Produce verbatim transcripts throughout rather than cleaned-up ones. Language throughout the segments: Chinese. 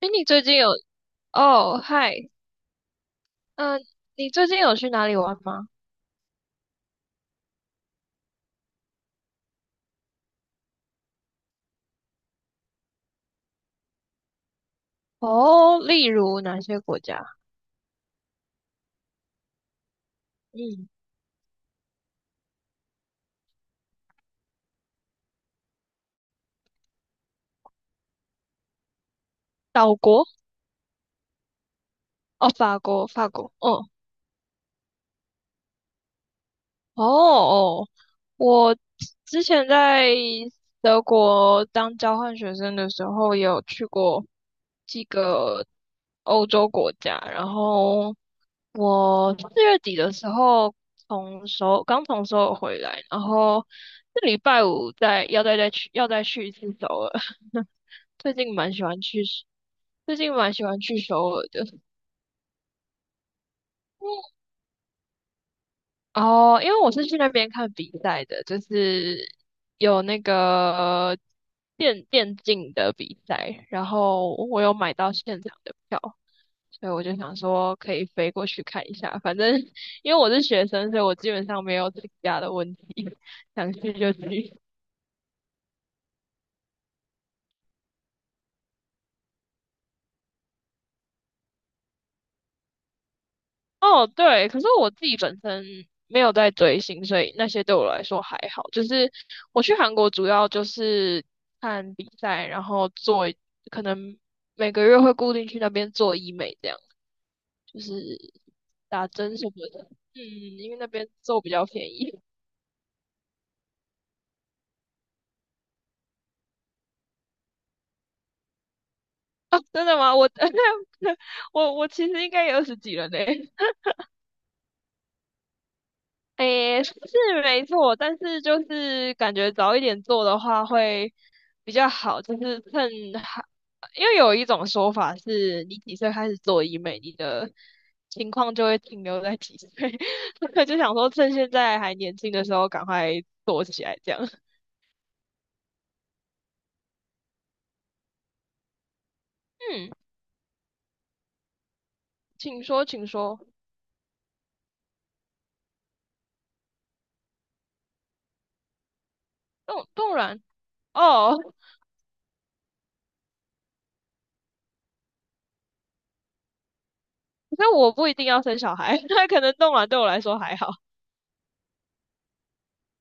哎，你最近有哦，嗨，嗯，你最近有去哪里玩吗？哦，例如哪些国家？嗯，岛国哦，法国，法国，哦哦哦，我之前在德国当交换学生的时候，有去过几个欧洲国家，然后我四月底的时候从首尔刚从首尔回来，然后这礼拜五再要再再去要再去一次首尔。最近蛮喜欢去最近蛮喜欢去首尔的。哦，因为我是去那边看比赛的，就是有那个电电竞的比赛，然后我有买到现场的票。所以我就想说可以飞过去看一下，反正因为我是学生，所以我基本上没有请假的问题，想去就去。哦，对，可是我自己本身没有在追星，所以那些对我来说还好。就是我去韩国主要就是看比赛，然后做，可能每个月会固定去那边做医美，这样就是打针什么的。嗯，因为那边做比较便宜。啊，真的吗？我 我我其实应该也二十几了呢。诶，是没错，但是就是感觉早一点做的话会比较好，就是趁还，因为有一种说法是，你几岁开始做医美，你的情况就会停留在几岁，所以就想说趁现在还年轻的时候赶快做起来，这样。嗯，请说，请说。冻冻卵哦，可是我不一定要生小孩，那可能冻卵对我来说还好。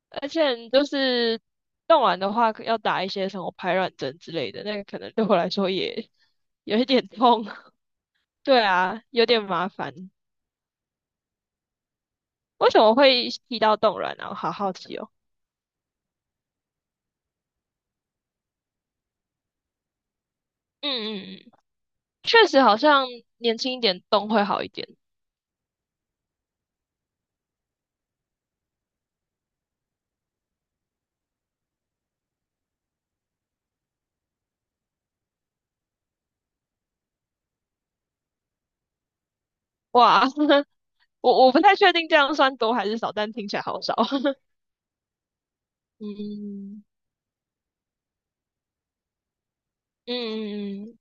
而且你就是弄完的话，要打一些什么排卵针之类的，那个可能对我来说也有一点痛。对啊，有点麻烦。为什么会提到冻卵啊？我好好奇哦。嗯嗯嗯，确实好像年轻一点冻会好一点。哇，我我不太确定这样算多还是少，但听起来好少。嗯嗯嗯，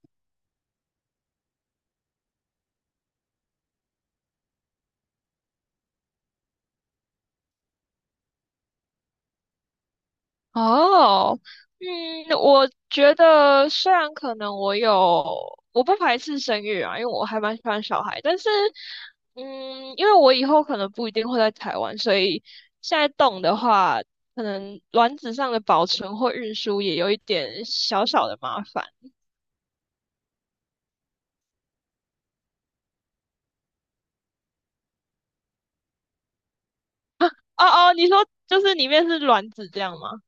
哦，嗯，我觉得虽然可能我有，我不排斥生育啊，因为我还蛮喜欢小孩，但是，嗯，因为我以后可能不一定会在台湾，所以现在动的话，可能卵子上的保存或运输也有一点小小的麻烦。哦哦，你说就是里面是卵子这样吗？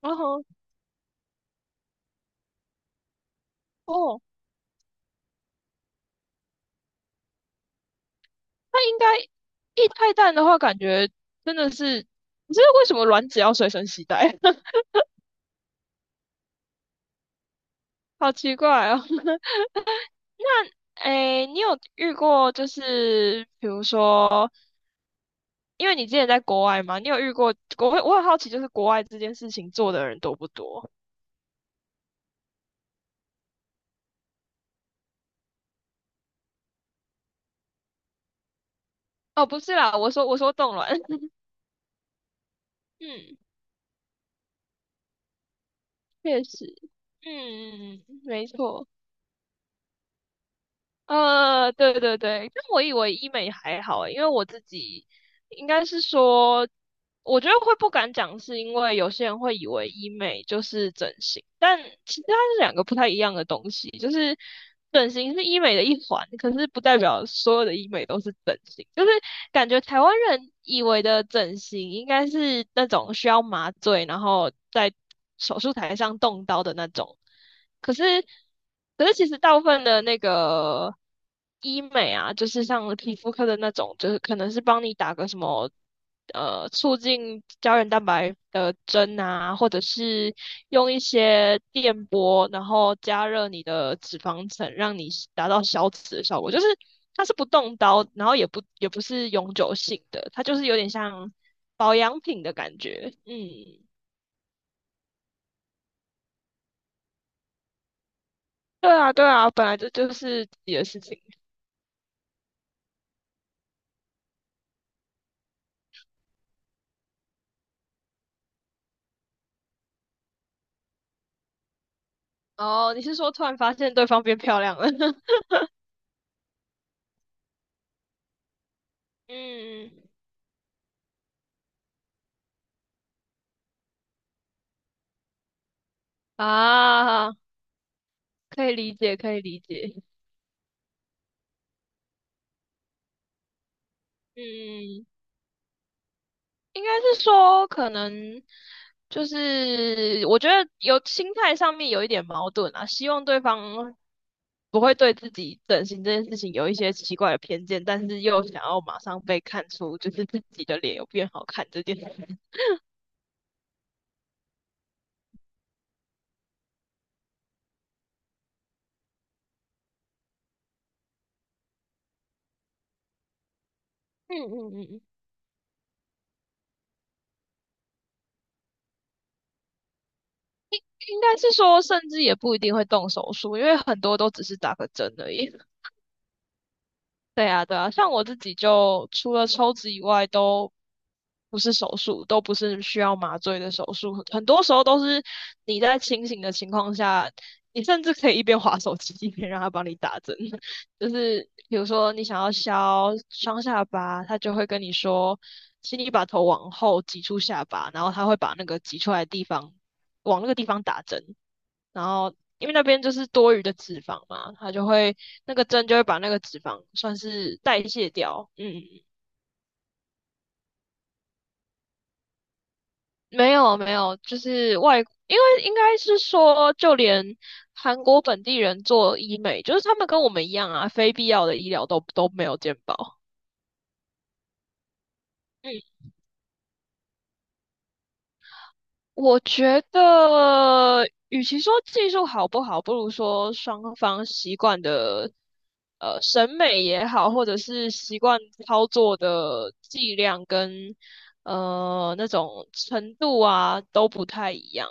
哦哦，那应该一态蛋的话，感觉真的是，知是为什么卵子要随身携带？好奇怪哦。那，诶，你有遇过就是比如说，因为你之前在国外嘛，你有遇过国外？我很好奇，就是国外这件事情做的人多不多？哦，不是啦，我说我说冻卵，嗯，确实，嗯嗯嗯，没错。呃，对对对，但我以为医美还好欸因为我自己应该是说，我觉得会不敢讲，是因为有些人会以为医美就是整形，但其实它是两个不太一样的东西，就是整形是医美的一环，可是不代表所有的医美都是整形，就是感觉台湾人以为的整形应该是那种需要麻醉，然后在手术台上动刀的那种。可是，可是其实大部分的那个医美啊，就是像皮肤科的那种，就是可能是帮你打个什么呃促进胶原蛋白的针啊，或者是用一些电波，然后加热你的脂肪层，让你达到消脂的效果。就是它是不动刀，然后也不也不是永久性的，它就是有点像保养品的感觉。嗯，对啊，对啊，本来这就是自己的事情。哦，你是说突然发现对方变漂亮了？嗯，啊，可以理解，可以理解。嗯，应该是说可能就是我觉得有心态上面有一点矛盾啊，希望对方不会对自己整形这件事情有一些奇怪的偏见，但是又想要马上被看出就是自己的脸有变好看这件事。嗯嗯嗯，应该是说甚至也不一定会动手术，因为很多都只是打个针而已。对啊，对啊，像我自己就除了抽脂以外，都不是手术，都不是需要麻醉的手术，很多时候都是你在清醒的情况下，你甚至可以一边滑手机一边让他帮你打针。就是比如说你想要削双下巴，他就会跟你说，请你把头往后挤出下巴，然后他会把那个挤出来的地方往那个地方打针，然后因为那边就是多余的脂肪嘛，它就会那个针就会把那个脂肪算是代谢掉。嗯，没有没有，就是外，因为应该是说，就连韩国本地人做医美，就是他们跟我们一样啊，非必要的医疗都都没有健保。嗯，我觉得，与其说技术好不好，不如说双方习惯的，呃，审美也好，或者是习惯操作的剂量跟，呃，那种程度啊，都不太一样。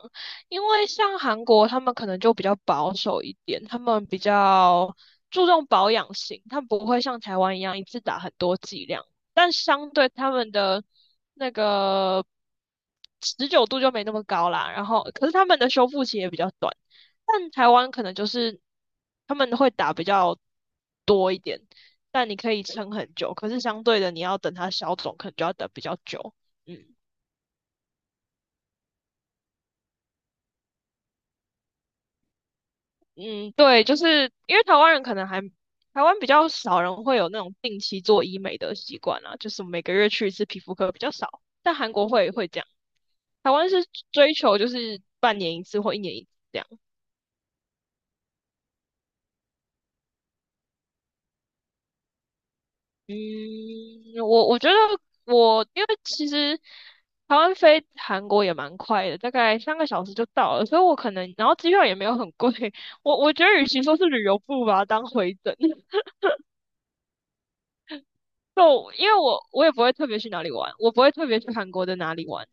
因为像韩国，他们可能就比较保守一点，他们比较注重保养型，他们不会像台湾一样一次打很多剂量。但相对他们的那个持久度就没那么高啦。然后，可是他们的修复期也比较短，但台湾可能就是他们会打比较多一点，但你可以撑很久。可是相对的，你要等它消肿，可能就要等比较久。嗯。嗯，对，就是因为台湾人可能还台湾比较少人会有那种定期做医美的习惯啊，就是每个月去一次皮肤科比较少，但韩国会会这样。台湾是追求就是半年一次或一年一次这样。嗯，我我觉得我因为其实台湾飞韩国也蛮快的，大概三个小时就到了，所以我可能然后机票也没有很贵，我我觉得与其说是旅游，不如把它当回诊。就因为我我也不会特别去哪里玩，我不会特别去韩国的哪里玩。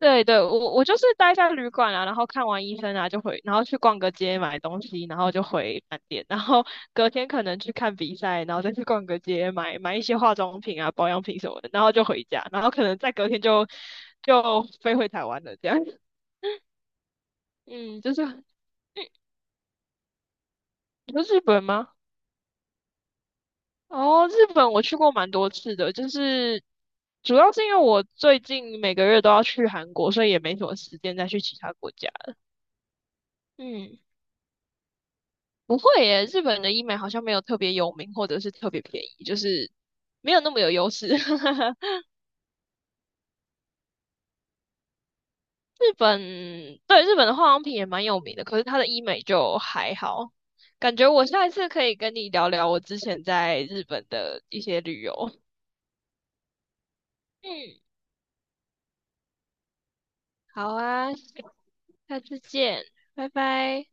对对，我我就是待在旅馆啊，然后看完医生啊就回，然后去逛个街买东西，然后就回饭店，然后隔天可能去看比赛，然后再去逛个街买买一些化妆品啊、保养品什么的，然后就回家，然后可能再隔天就就飞回台湾了，这样。嗯，就是嗯，你说日本吗？哦，日本我去过蛮多次的，就是主要是因为我最近每个月都要去韩国，所以也没什么时间再去其他国家。嗯，不会耶，日本的医美好像没有特别有名，或者是特别便宜，就是没有那么有优势。日本，对，日本的化妆品也蛮有名的，可是它的医美就还好。感觉我下一次可以跟你聊聊我之前在日本的一些旅游。嗯，好啊，下次见，拜拜。